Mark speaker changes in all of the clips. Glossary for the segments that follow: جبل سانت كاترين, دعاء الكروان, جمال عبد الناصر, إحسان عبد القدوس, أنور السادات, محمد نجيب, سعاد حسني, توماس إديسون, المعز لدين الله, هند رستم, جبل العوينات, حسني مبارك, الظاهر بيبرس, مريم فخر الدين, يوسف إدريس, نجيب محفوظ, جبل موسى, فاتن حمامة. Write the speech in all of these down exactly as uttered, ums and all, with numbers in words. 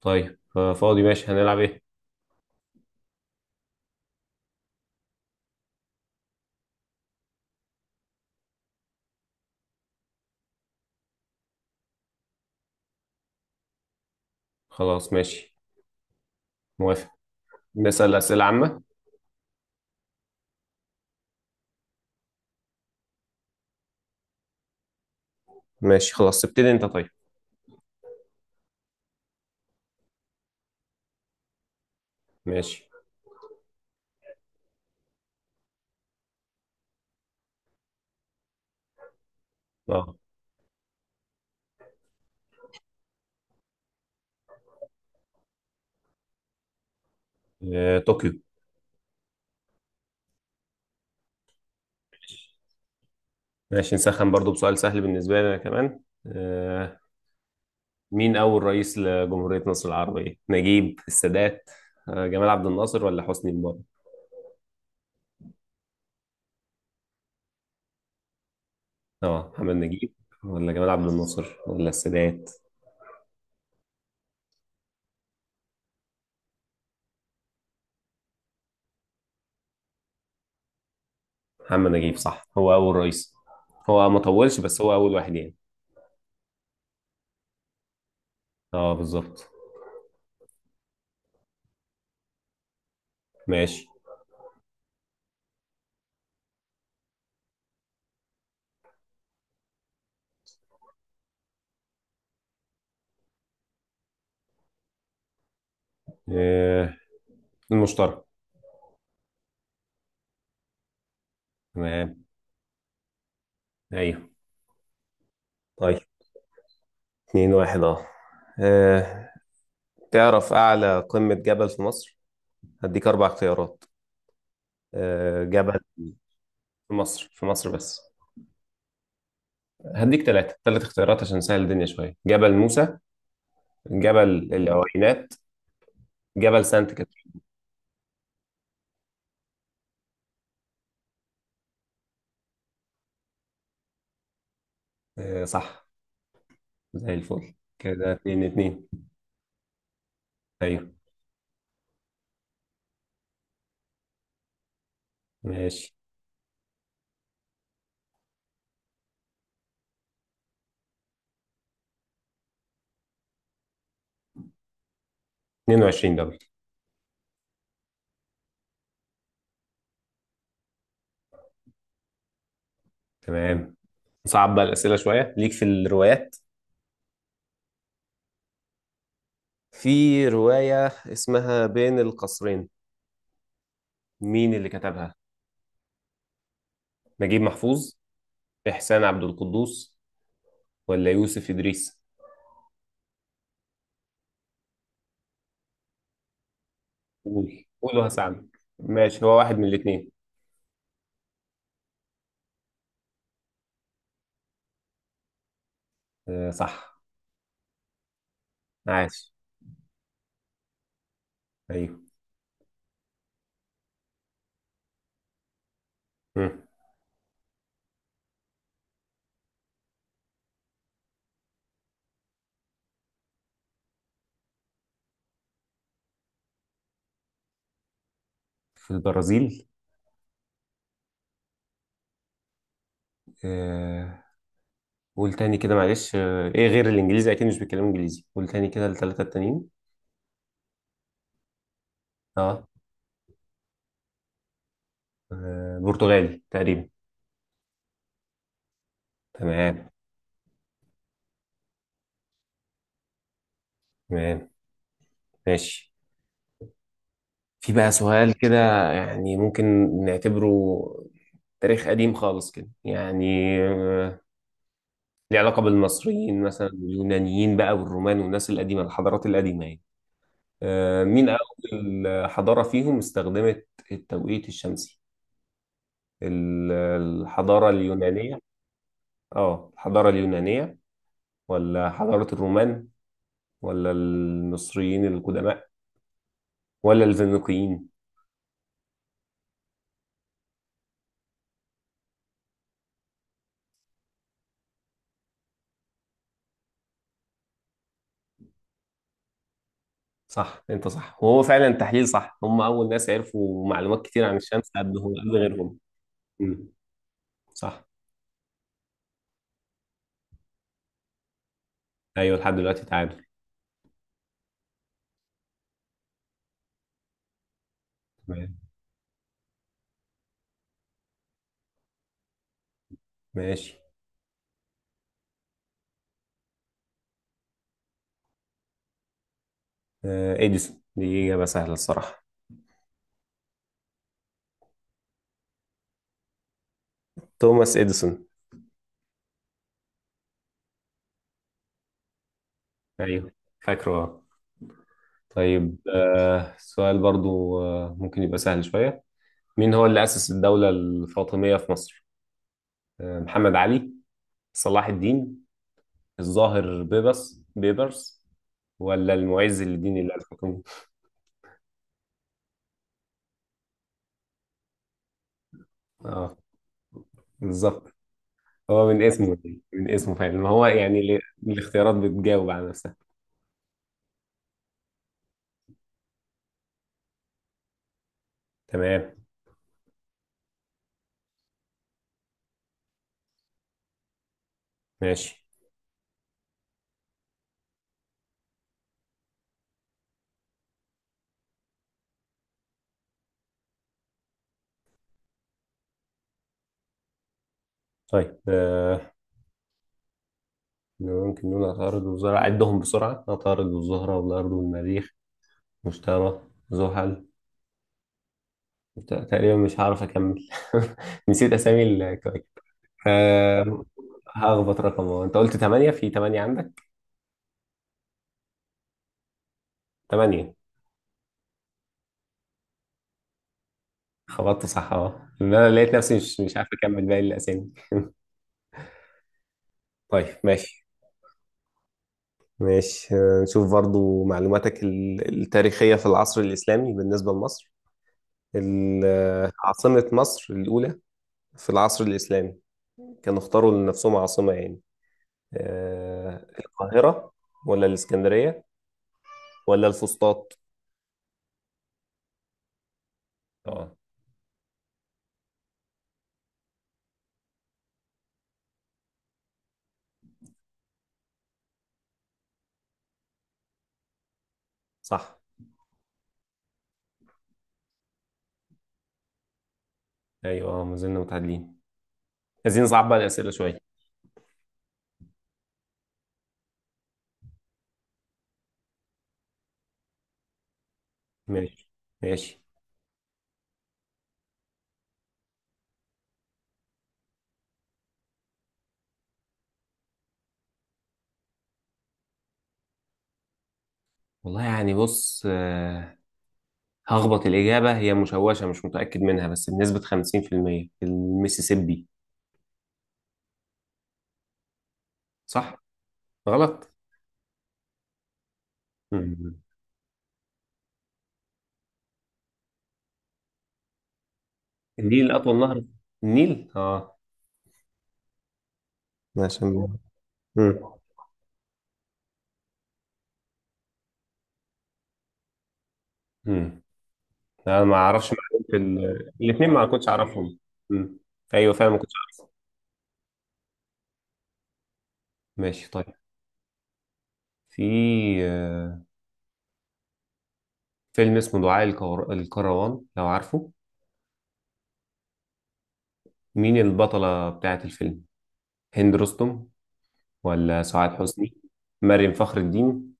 Speaker 1: طيب، آه، فاضي ماشي، هنلعب ايه؟ خلاص، ماشي، موافق. نسأل أسئلة عامة. ماشي، خلاص، ابتدي انت، طيب. ماشي. اه. آه، طوكيو. ماشي، نسخن برضو بسؤال سهل بالنسبة لي أنا كمان. آه. مين أول رئيس لجمهورية مصر العربية؟ نجيب؟ السادات؟ آه. جمال عبد الناصر ولا حسني مبارك؟ اه، محمد نجيب ولا جمال عبد الناصر ولا السادات؟ محمد نجيب صح، هو أول رئيس. هو ما طولش، بس هو أول واحد يعني. اه، بالظبط. ماشي. آه. المشترك. ايوه. طيب، اتنين واحد. اه. آه، تعرف أعلى قمة جبل في مصر؟ هديك أربع اختيارات. آه، جبل في مصر، في مصر بس. هديك ثلاثة ثلاث اختيارات عشان نسهل الدنيا شوية: جبل موسى، جبل العوينات، جبل سانت كاترين. آه، صح. زي الفل، كده اتنين اتنين. أيوه. ماشي، اتنين وعشرين دبل. تمام، نصعب بقى الأسئلة شوية. ليك في الروايات؟ في رواية اسمها بين القصرين، مين اللي كتبها؟ نجيب محفوظ، إحسان عبد القدوس، ولا يوسف إدريس؟ قول قول وهساعدك، ماشي، هو واحد من الاثنين. آه، صح. عاش. أيوه. مم. في البرازيل؟ آه. قول تاني كده معلش، آه إيه غير الإنجليزي، أكيد مش بيتكلموا إنجليزي، قول تاني كده الثلاثة التانيين. أه. آه، برتغالي تقريبا. تمام. تمام، ماشي. في بقى سؤال كده، يعني ممكن نعتبره تاريخ قديم خالص كده، يعني آه، ليه علاقة بالمصريين مثلا، واليونانيين بقى والرومان والناس القديمة، الحضارات القديمة يعني. آه، مين أول حضارة فيهم استخدمت التوقيت الشمسي؟ ال- الحضارة اليونانية؟ اه، الحضارة اليونانية، ولا حضارة الرومان، ولا المصريين القدماء، ولا الفينيقيين؟ صح، انت صح، وهو فعلا تحليل صح، هم أول ناس عرفوا معلومات كتير عن الشمس قبلهم، قبل غيرهم. مم. صح. ايوه، لحد دلوقتي تعادل. تمام، ماشي. آه، إديسون، دي إجابة سهلة الصراحة. توماس إديسون. أيوه، فاكره. آه. طيب، آه، سؤال برضو آه، ممكن يبقى سهل شوية. مين هو اللي أسس الدولة الفاطمية في مصر؟ آه، محمد علي، صلاح الدين، الظاهر بيبس بيبرس، ولا المعز لدين الله الحكيم؟ اه، بالظبط. هو من اسمه، من اسمه فعلا، ما هو يعني ال- الاختيارات بتجاوب على نفسها. تمام، ماشي، طيب. آه، يمكنون عطارد والزهرة، عدهم بسرعة: عطارد والزهرة والأرض والمريخ، مشتري، زحل، مت- تقريبا مش هعرف أكمل نسيت أسامي الكواكب. آه، هخبط رقم واحد. أنت قلت تمانية، في تمانية عندك. تمانية. خبطت صح، أه إن أنا لقيت نفسي مش مش عارف أكمل باقي الأسامي. طيب، ماشي. ماشي، آه، نشوف برضو معلوماتك ال- التاريخية في العصر الإسلامي بالنسبة لمصر. ال- آه، عاصمة مصر الأولى في العصر الإسلامي، كانوا اختاروا لنفسهم عاصمة يعني آه، القاهرة، ولا الإسكندرية، ولا الفسطاط؟ اه، صح. ايوه، آه، ما زلنا متعادلين. عايزين نصعب بقى الأسئلة شوية. ماشي، ماشي، والله. يعني بص، آه، هخبط. الإجابة هي مشوشة، مش متأكد منها، بس بنسبة خمسين في المية المسيسيبي. صح؟ غلط. مم. النيل أطول نهر، النيل. اه. ماشي. مم. مم. انا ما اعرفش معلومة. ال... الاثنين ما كنتش اعرفهم. مم. ايوه، فعلا ما كنتش اعرفهم. ماشي، طيب. في آه، فيلم اسمه دعاء الكور- الكروان، لو عارفه. مين البطلة بتاعة الفيلم؟ هند رستم، ولا سعاد حسني، مريم فخر الدين،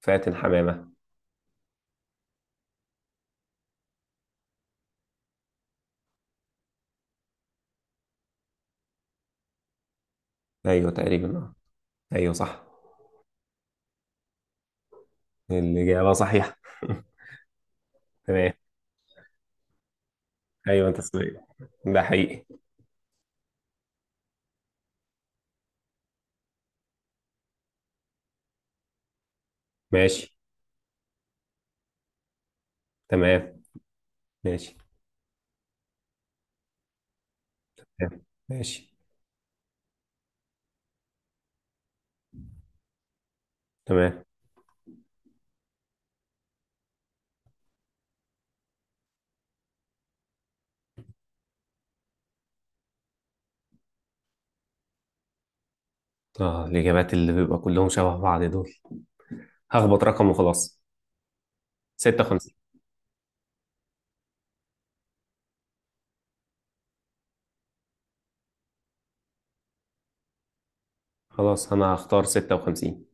Speaker 1: فاتن حمامة؟ ايوه، تقريبا. آه. ايوه، صح. الإجابة صحيحة تمام. ايوه، انت صحيح، ده حقيقي. ماشي، تمام، ماشي. تمام. ماشي. تمام. اه، الإجابات اللي بيبقى كلهم شبه بعض دول، هخبط رقم وخلاص. ستة وخمسين. خلاص، أنا هختار ستة وخمسين.